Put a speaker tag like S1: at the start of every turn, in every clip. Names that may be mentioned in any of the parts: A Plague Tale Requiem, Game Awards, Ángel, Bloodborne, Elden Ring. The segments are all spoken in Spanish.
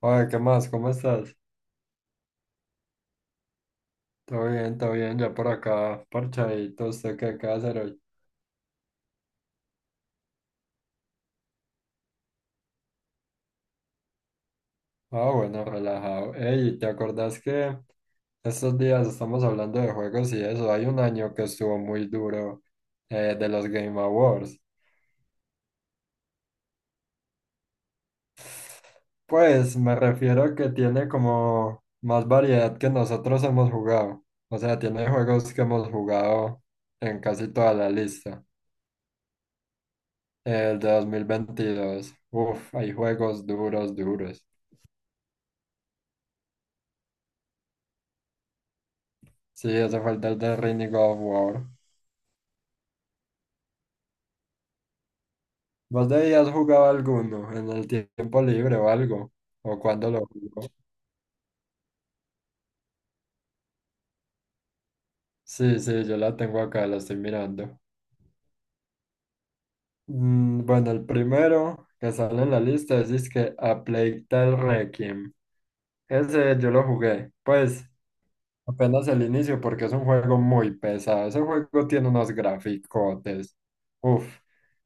S1: Oye, ¿qué más? ¿Cómo estás? Todo bien, ya por acá, parchadito, ¿usted qué va a hacer hoy? Ah, bueno, relajado. Ey, ¿te acordás que estos días estamos hablando de juegos y eso? Hay un año que estuvo muy duro de los Game Awards. Pues me refiero a que tiene como más variedad que nosotros hemos jugado. O sea, tiene juegos que hemos jugado en casi toda la lista. El de 2022. Uf, hay juegos duros, duros. Sí, hace falta el de Rini God of War. ¿Vos debías jugar alguno en el tiempo libre o algo? ¿O cuando lo jugó? Sí, sí, yo la tengo acá, la estoy mirando. Mm, bueno, el primero que sale en la lista es, que A Plague Tale Requiem. Ese yo lo jugué. Pues apenas el inicio porque es un juego muy pesado. Ese juego tiene unos graficotes. Uf,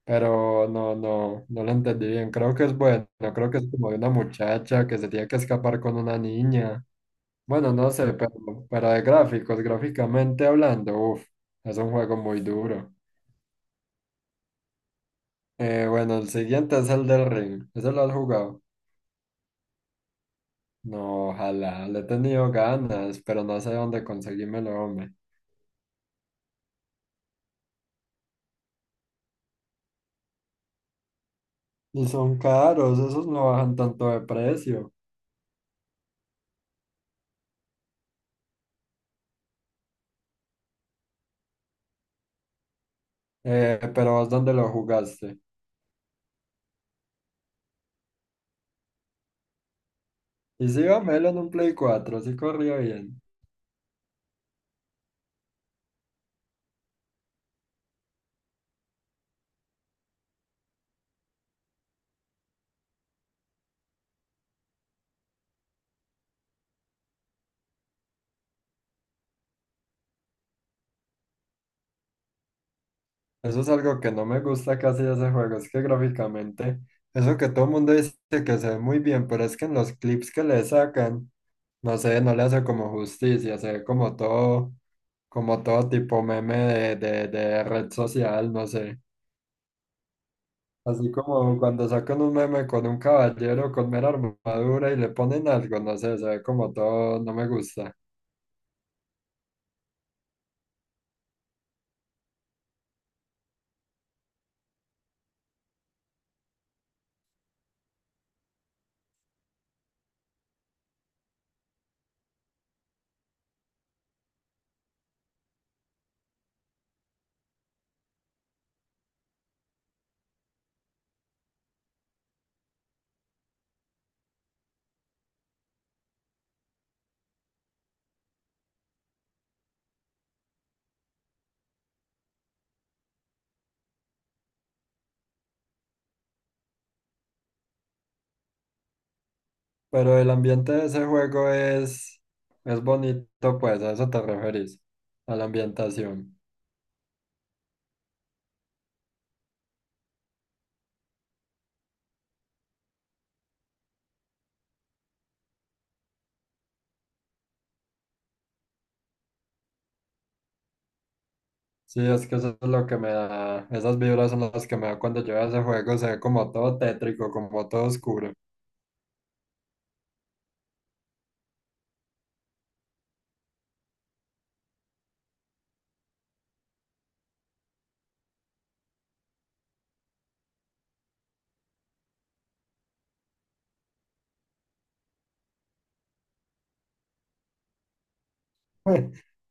S1: pero no lo entendí bien. Creo que es bueno. Creo que es como de una muchacha que se tiene que escapar con una niña. Bueno, no sé, pero de gráficos, gráficamente hablando, uf, es un juego muy duro. Bueno, el siguiente es el del Ring. ¿Ese lo has jugado? No, ojalá. Le he tenido ganas, pero no sé dónde conseguírmelo, hombre. Y son caros, esos no bajan tanto de precio. Pero vos dónde lo jugaste. Y sí iba Melo en un Play 4, sí corría bien. Eso es algo que no me gusta casi de ese juego, es que gráficamente, eso que todo el mundo dice que se ve muy bien, pero es que en los clips que le sacan, no sé, no le hace como justicia, se ve como todo tipo meme de red social, no sé. Así como cuando sacan un meme con un caballero con mera armadura y le ponen algo, no sé, se ve como todo, no me gusta. Pero el ambiente de ese juego es bonito, pues, a eso te referís, a la ambientación. Sí, es que eso es lo que me da, esas vibras son las que me da cuando yo a ese juego, se ve como todo tétrico, como todo oscuro,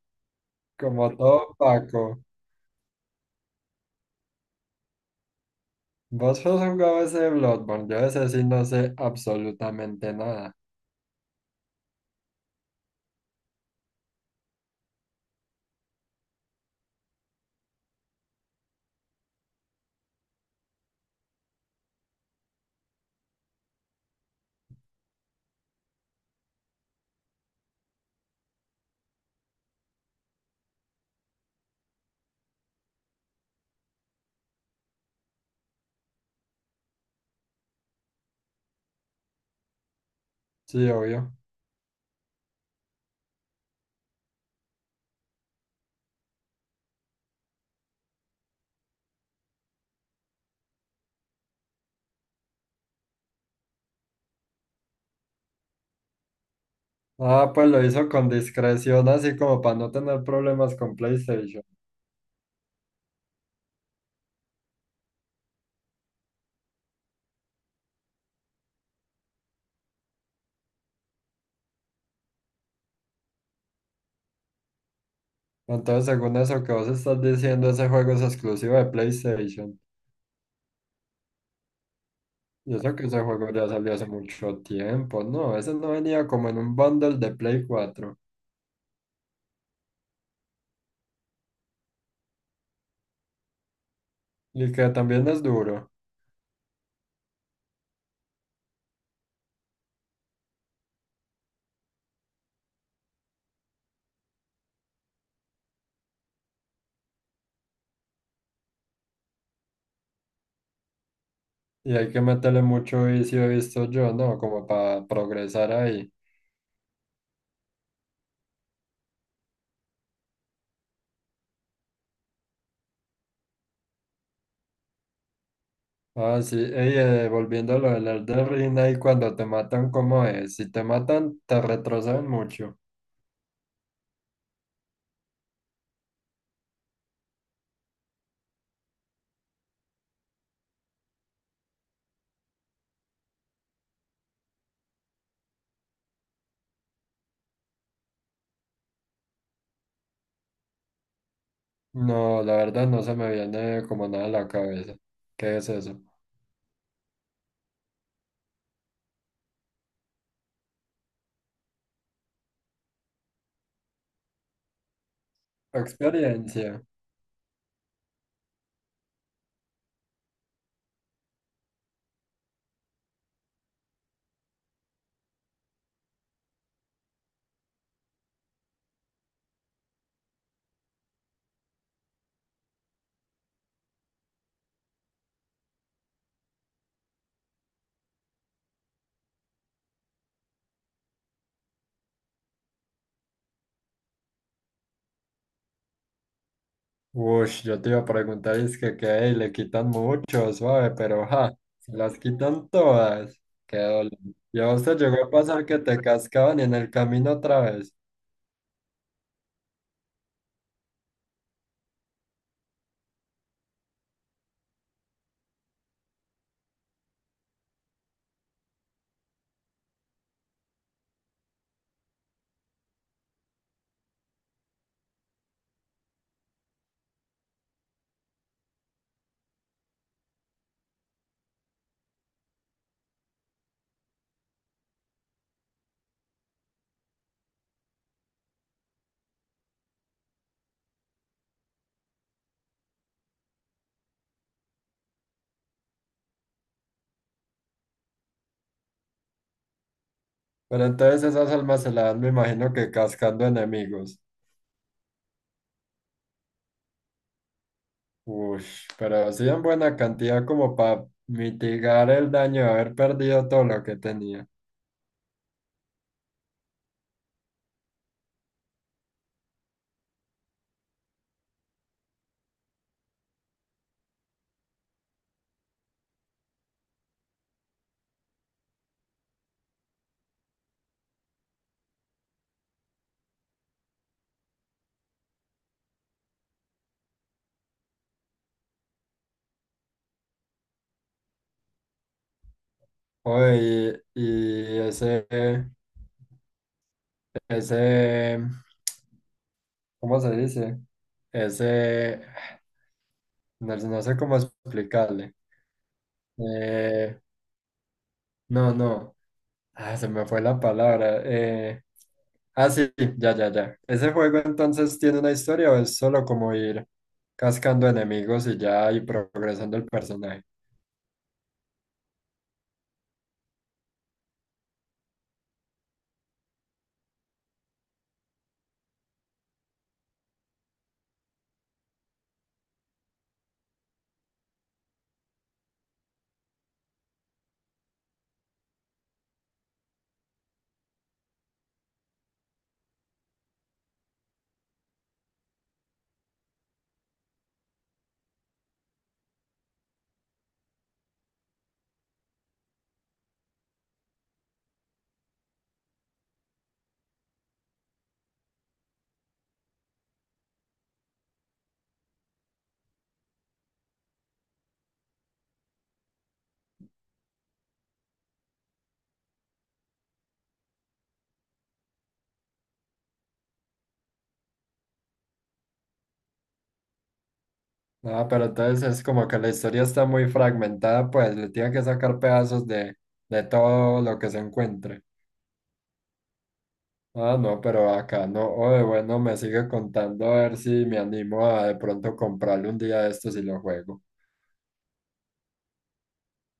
S1: como todo opaco. ¿Vos has jugado ese Bloodborne? Yo ese sí no sé absolutamente nada. Sí, obvio. Ah, pues lo hizo con discreción, así como para no tener problemas con PlayStation. Entonces, según eso que vos estás diciendo, ese juego es exclusivo de PlayStation. Y eso que ese juego ya salió hace mucho tiempo, ¿no? Ese no venía como en un bundle de Play 4. Y que también es duro. Y hay que meterle mucho vicio, he visto yo, ¿no? Como para progresar ahí. Ah, sí. Ey, volviendo a lo del Elden Ring, ahí cuando te matan, ¿cómo es? Si te matan, te retrocedan mucho. No, la verdad no se me viene como nada a la cabeza. ¿Qué es eso? Experiencia. Uy, yo te iba a preguntar, es que ey, le quitan mucho, suave, pero ja, se las quitan todas. Qué dolor. Y a vos te llegó a pasar que te cascaban en el camino otra vez. Pero entonces esas almas se las dan, me imagino que cascando enemigos. Uy, pero sí en buena cantidad como para mitigar el daño de haber perdido todo lo que tenía. Oye, y ese, ¿cómo se dice? Ese. No, no sé cómo explicarle. Eh, no, no. Ah, se me fue la palabra. Ah, sí, ya. ¿Ese juego entonces tiene una historia o es solo como ir cascando enemigos y ya y progresando el personaje? Ah, pero entonces es como que la historia está muy fragmentada, pues le tiene que sacar pedazos de todo lo que se encuentre. Ah, no, pero acá no. Oye, bueno, me sigue contando a ver si me animo a de pronto comprarle un día de estos y lo juego.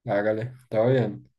S1: Hágale, está bien.